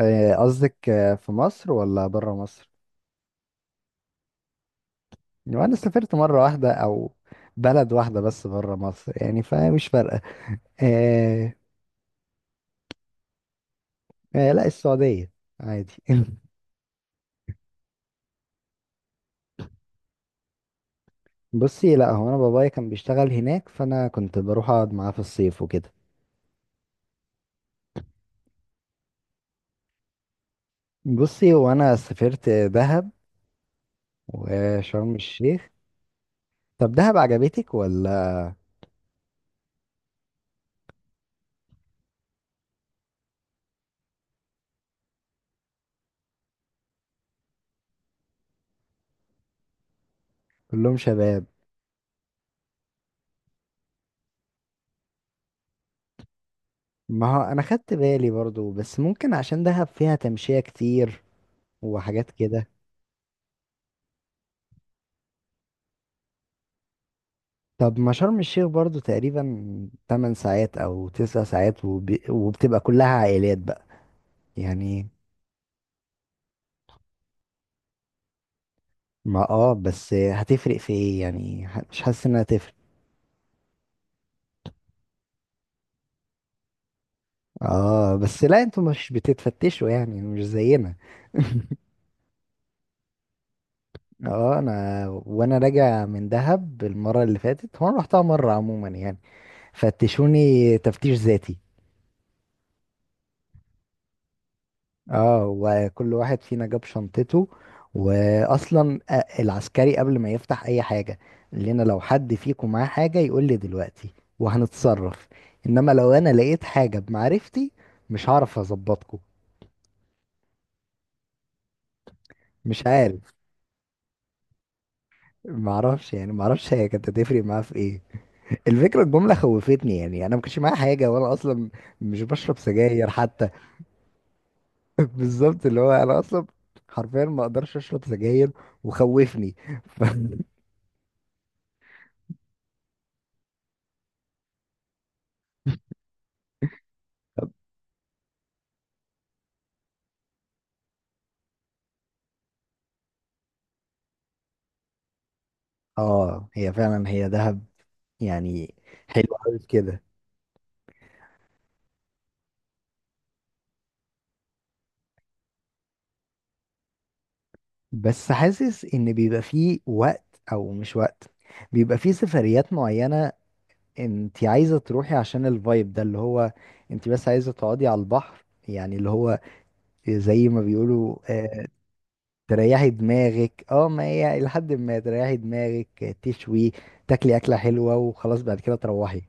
آه، قصدك في مصر ولا بره مصر؟ يعني انا سافرت مرة واحدة او بلد واحدة بس بره مصر يعني فمش فارقة. آه. آه، لا السعودية. عادي. بصي، لا هو انا بابايا كان بيشتغل هناك، فانا كنت بروح اقعد معاه في الصيف وكده. بصي، وانا سافرت دهب وشرم الشيخ. طب دهب عجبتك ولا؟ كلهم شباب. ما هو انا خدت بالي برضو، بس ممكن عشان دهب فيها تمشية كتير وحاجات كده. طب ما شرم الشيخ برضو تقريبا 8 ساعات او 9 ساعات وبتبقى كلها عائلات بقى يعني. ما بس هتفرق في ايه يعني؟ مش حاسس انها هتفرق. اه بس لا انتوا مش بتتفتشوا يعني، مش زينا. اه، انا وانا راجع من دهب المره اللي فاتت، هو انا رحتها مره عموما يعني، فتشوني تفتيش ذاتي. اه، وكل واحد فينا جاب شنطته، واصلا العسكري قبل ما يفتح اي حاجه قال لنا لو حد فيكم معاه حاجه يقول لي دلوقتي وهنتصرف، انما لو انا لقيت حاجه بمعرفتي مش هعرف اظبطكم. مش عارف. يعني معرفش هي كانت هتفرق معاه في ايه. الفكره الجمله خوفتني، يعني انا ما كانش معايا حاجه، وانا اصلا مش بشرب سجاير حتى. بالظبط، اللي هو انا اصلا حرفيا ما اقدرش اشرب سجاير وخوفني. اه هي فعلا هي دهب يعني. حلو قوي في كده. بس حاسس ان بيبقى فيه وقت او مش وقت، بيبقى فيه سفريات معينة انت عايزة تروحي عشان الفايب ده اللي هو، انت بس عايزة تقعدي على البحر يعني، اللي هو زي ما بيقولوا تريحي دماغك. اه ما هي لحد ما تريحي دماغك، تشوي تاكلي اكلة حلوة وخلاص بعد كده تروحي.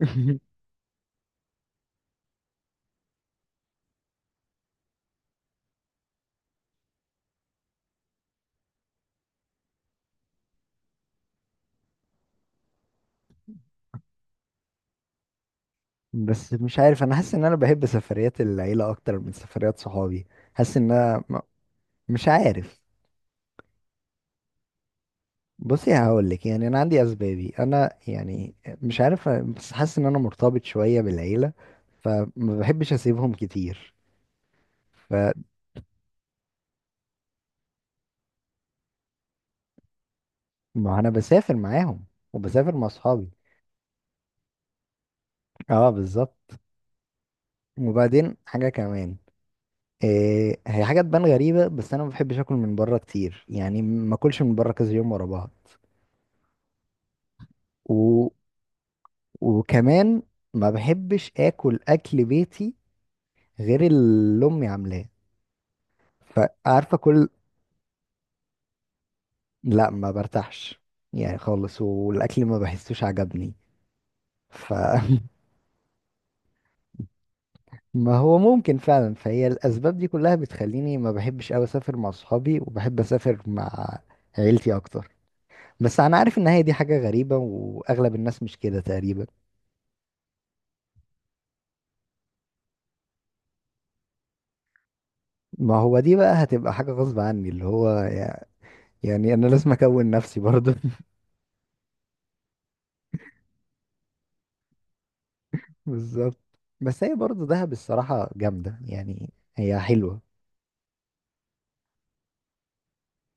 بس مش عارف، انا حاسس ان انا بحب سفريات العيله اكتر من سفريات صحابي. حاسس ان انا مش عارف. بصي هقول لك، يعني انا عندي اسبابي انا يعني. مش عارف، بس حاسس ان انا مرتبط شويه بالعيله فما بحبش اسيبهم كتير فما. انا بسافر معاهم وبسافر مع اصحابي. اه بالظبط. وبعدين حاجه كمان إيه، هي حاجه تبان غريبه، بس انا ما بحبش اكل من بره كتير، يعني ما اكلش من بره كذا يوم ورا بعض. وكمان ما بحبش اكل اكل بيتي غير اللي امي عاملاه، فعارفه كل. لا ما برتاحش يعني خالص، والاكل ما بحسوش عجبني فما. هو ممكن فعلا، فهي الاسباب دي كلها بتخليني ما بحبش قوي اسافر مع صحابي وبحب اسافر مع عيلتي اكتر. بس انا عارف ان هي دي حاجه غريبه، واغلب الناس مش كده تقريبا. ما هو دي بقى هتبقى حاجه غصب عني، اللي هو يعني انا لازم اكون نفسي برضه. بالظبط. بس هي برضه دهب الصراحة جامدة، يعني هي حلوة.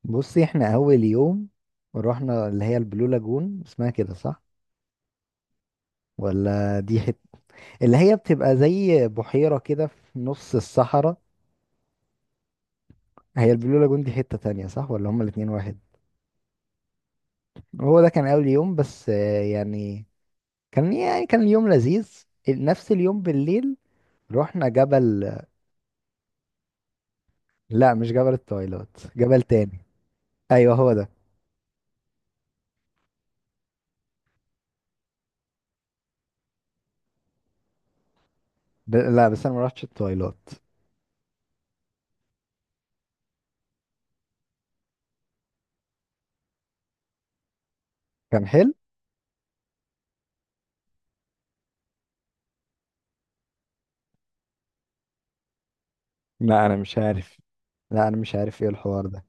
بصي، احنا أول يوم رحنا اللي هي البلو لاجون، اسمها كده صح؟ ولا دي حتة اللي هي بتبقى زي بحيرة كده في نص الصحراء. هي البلو لاجون دي حتة تانية صح؟ ولا هما الاتنين واحد؟ هو ده كان أول يوم بس يعني يعني كان اليوم لذيذ. نفس اليوم بالليل رحنا جبل. لا مش جبل التويلات، جبل تاني. أيوه هو ده. لا بس أنا ما رحتش التويلات. كان حلو. لا انا مش عارف. لا انا مش عارف ايه الحوار ده.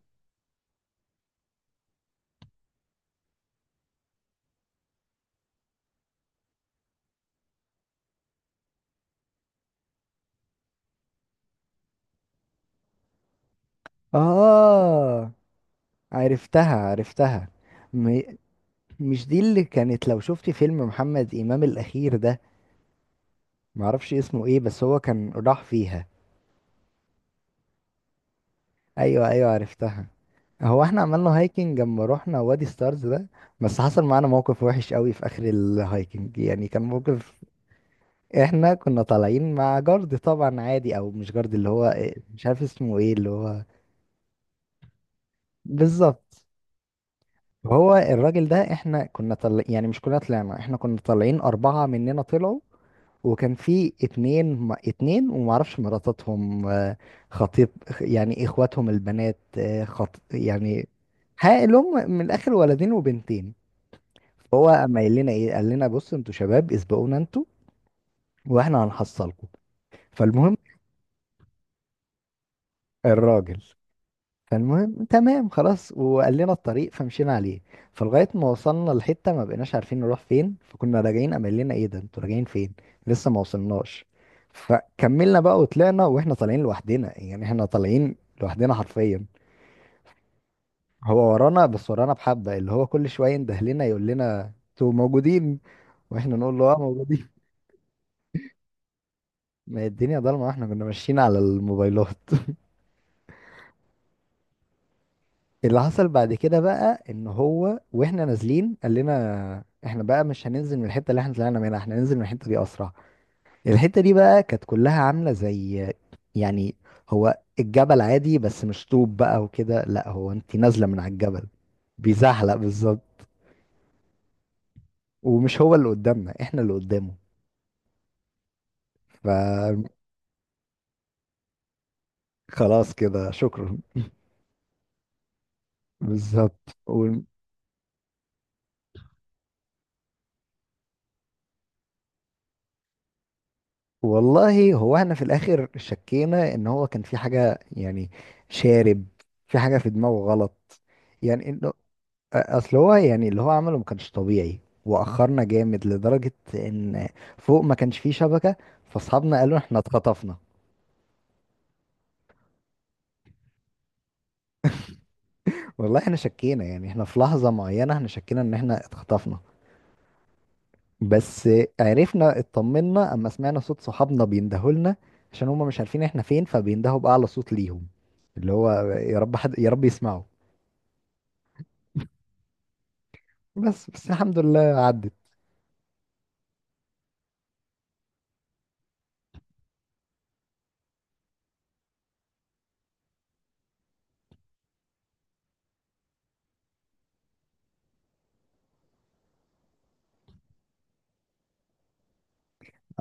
اه عرفتها عرفتها. م... مش دي اللي كانت، لو شفتي فيلم محمد امام الاخير ده، معرفش اسمه ايه، بس هو كان راح فيها. ايوه ايوه عرفتها. هو احنا عملنا هايكنج لما رحنا وادي ستارز ده. بس حصل معانا موقف وحش قوي في اخر الهايكنج، يعني كان موقف. احنا كنا طالعين مع جارد طبعا عادي، او مش جارد، اللي هو مش عارف اسمه ايه، اللي هو بالظبط. هو الراجل ده احنا كنا يعني مش كلنا طلعنا، احنا كنا طالعين أربعة مننا طلعوا. وكان في اتنين اتنين ومعرفش مراتاتهم خطيب يعني، اخواتهم البنات خط يعني. ها اللي هم من الاخر ولدين وبنتين. فهو اما قال لنا ايه، قال لنا بصوا انتوا شباب اسبقونا انتوا واحنا هنحصلكم. فالمهم. الراجل. فالمهم تمام خلاص، وقال لنا الطريق فمشينا عليه. فلغاية ما وصلنا لحتة ما بقيناش عارفين نروح فين، فكنا راجعين، قام قال لنا ايه ده انتوا راجعين فين، لسه ما وصلناش. فكملنا بقى وطلعنا، واحنا طالعين لوحدنا يعني، احنا طالعين لوحدنا حرفيا. هو ورانا، بس ورانا بحبة، اللي هو كل شوية ينده لنا يقول لنا انتوا موجودين، واحنا نقول له اه موجودين. ما هي الدنيا ضلمة، واحنا كنا ماشيين على الموبايلات. اللي حصل بعد كده بقى ان هو، واحنا نازلين، قال لنا احنا بقى مش هننزل من الحته اللي احنا طلعنا منها، احنا هننزل من الحته دي اسرع. الحته دي بقى كانت كلها عامله زي يعني، هو الجبل عادي بس مش طوب بقى وكده، لا هو انت نازله من على الجبل بيزحلق بالظبط. ومش هو اللي قدامنا، احنا اللي قدامه. فخلاص كده شكرا. بالظبط. والله هو احنا في الاخر شكينا ان هو كان في حاجة، يعني شارب، في حاجة في دماغه غلط، يعني انه اصل هو يعني اللي هو عمله ما كانش طبيعي. واخرنا جامد لدرجة ان فوق ما كانش فيه شبكة، فاصحابنا قالوا احنا اتخطفنا. والله احنا شكينا، يعني احنا في لحظة معينة احنا شكينا ان احنا اتخطفنا. بس عرفنا اطمنا اما سمعنا صوت صحابنا بيندهوا لنا، عشان هما مش عارفين احنا فين، فبيندهوا بأعلى صوت ليهم اللي هو يا رب حد، يا رب يسمعوا. بس الحمد لله عدت.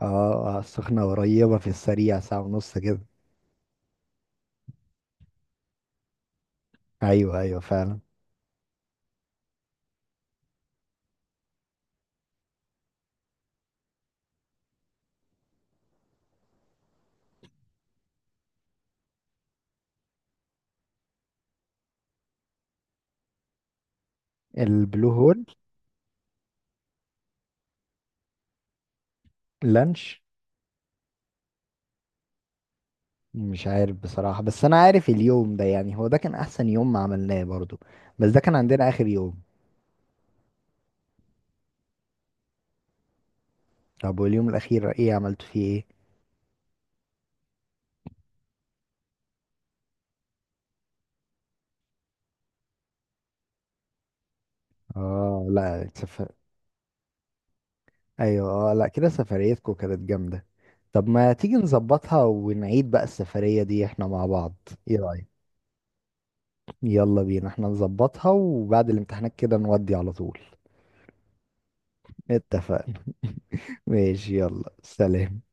اه السخنة قريبة في السريع، ساعة ونص كده. ايوه ايوه فعلا. البلو هول. لانش. مش عارف بصراحة، بس انا عارف اليوم ده يعني هو ده كان احسن يوم ما عملناه برضو. بس ده كان عندنا اخر يوم. طب واليوم الاخير ايه عملتوا فيه ايه؟ اه لا سفر. ايوه لا كده سفريتكم كانت جامدة. طب ما تيجي نظبطها ونعيد بقى السفرية دي احنا مع بعض. ايه رأيك؟ يلا بينا احنا نظبطها وبعد الامتحانات كده نودي على طول. اتفقنا. ماشي يلا سلام.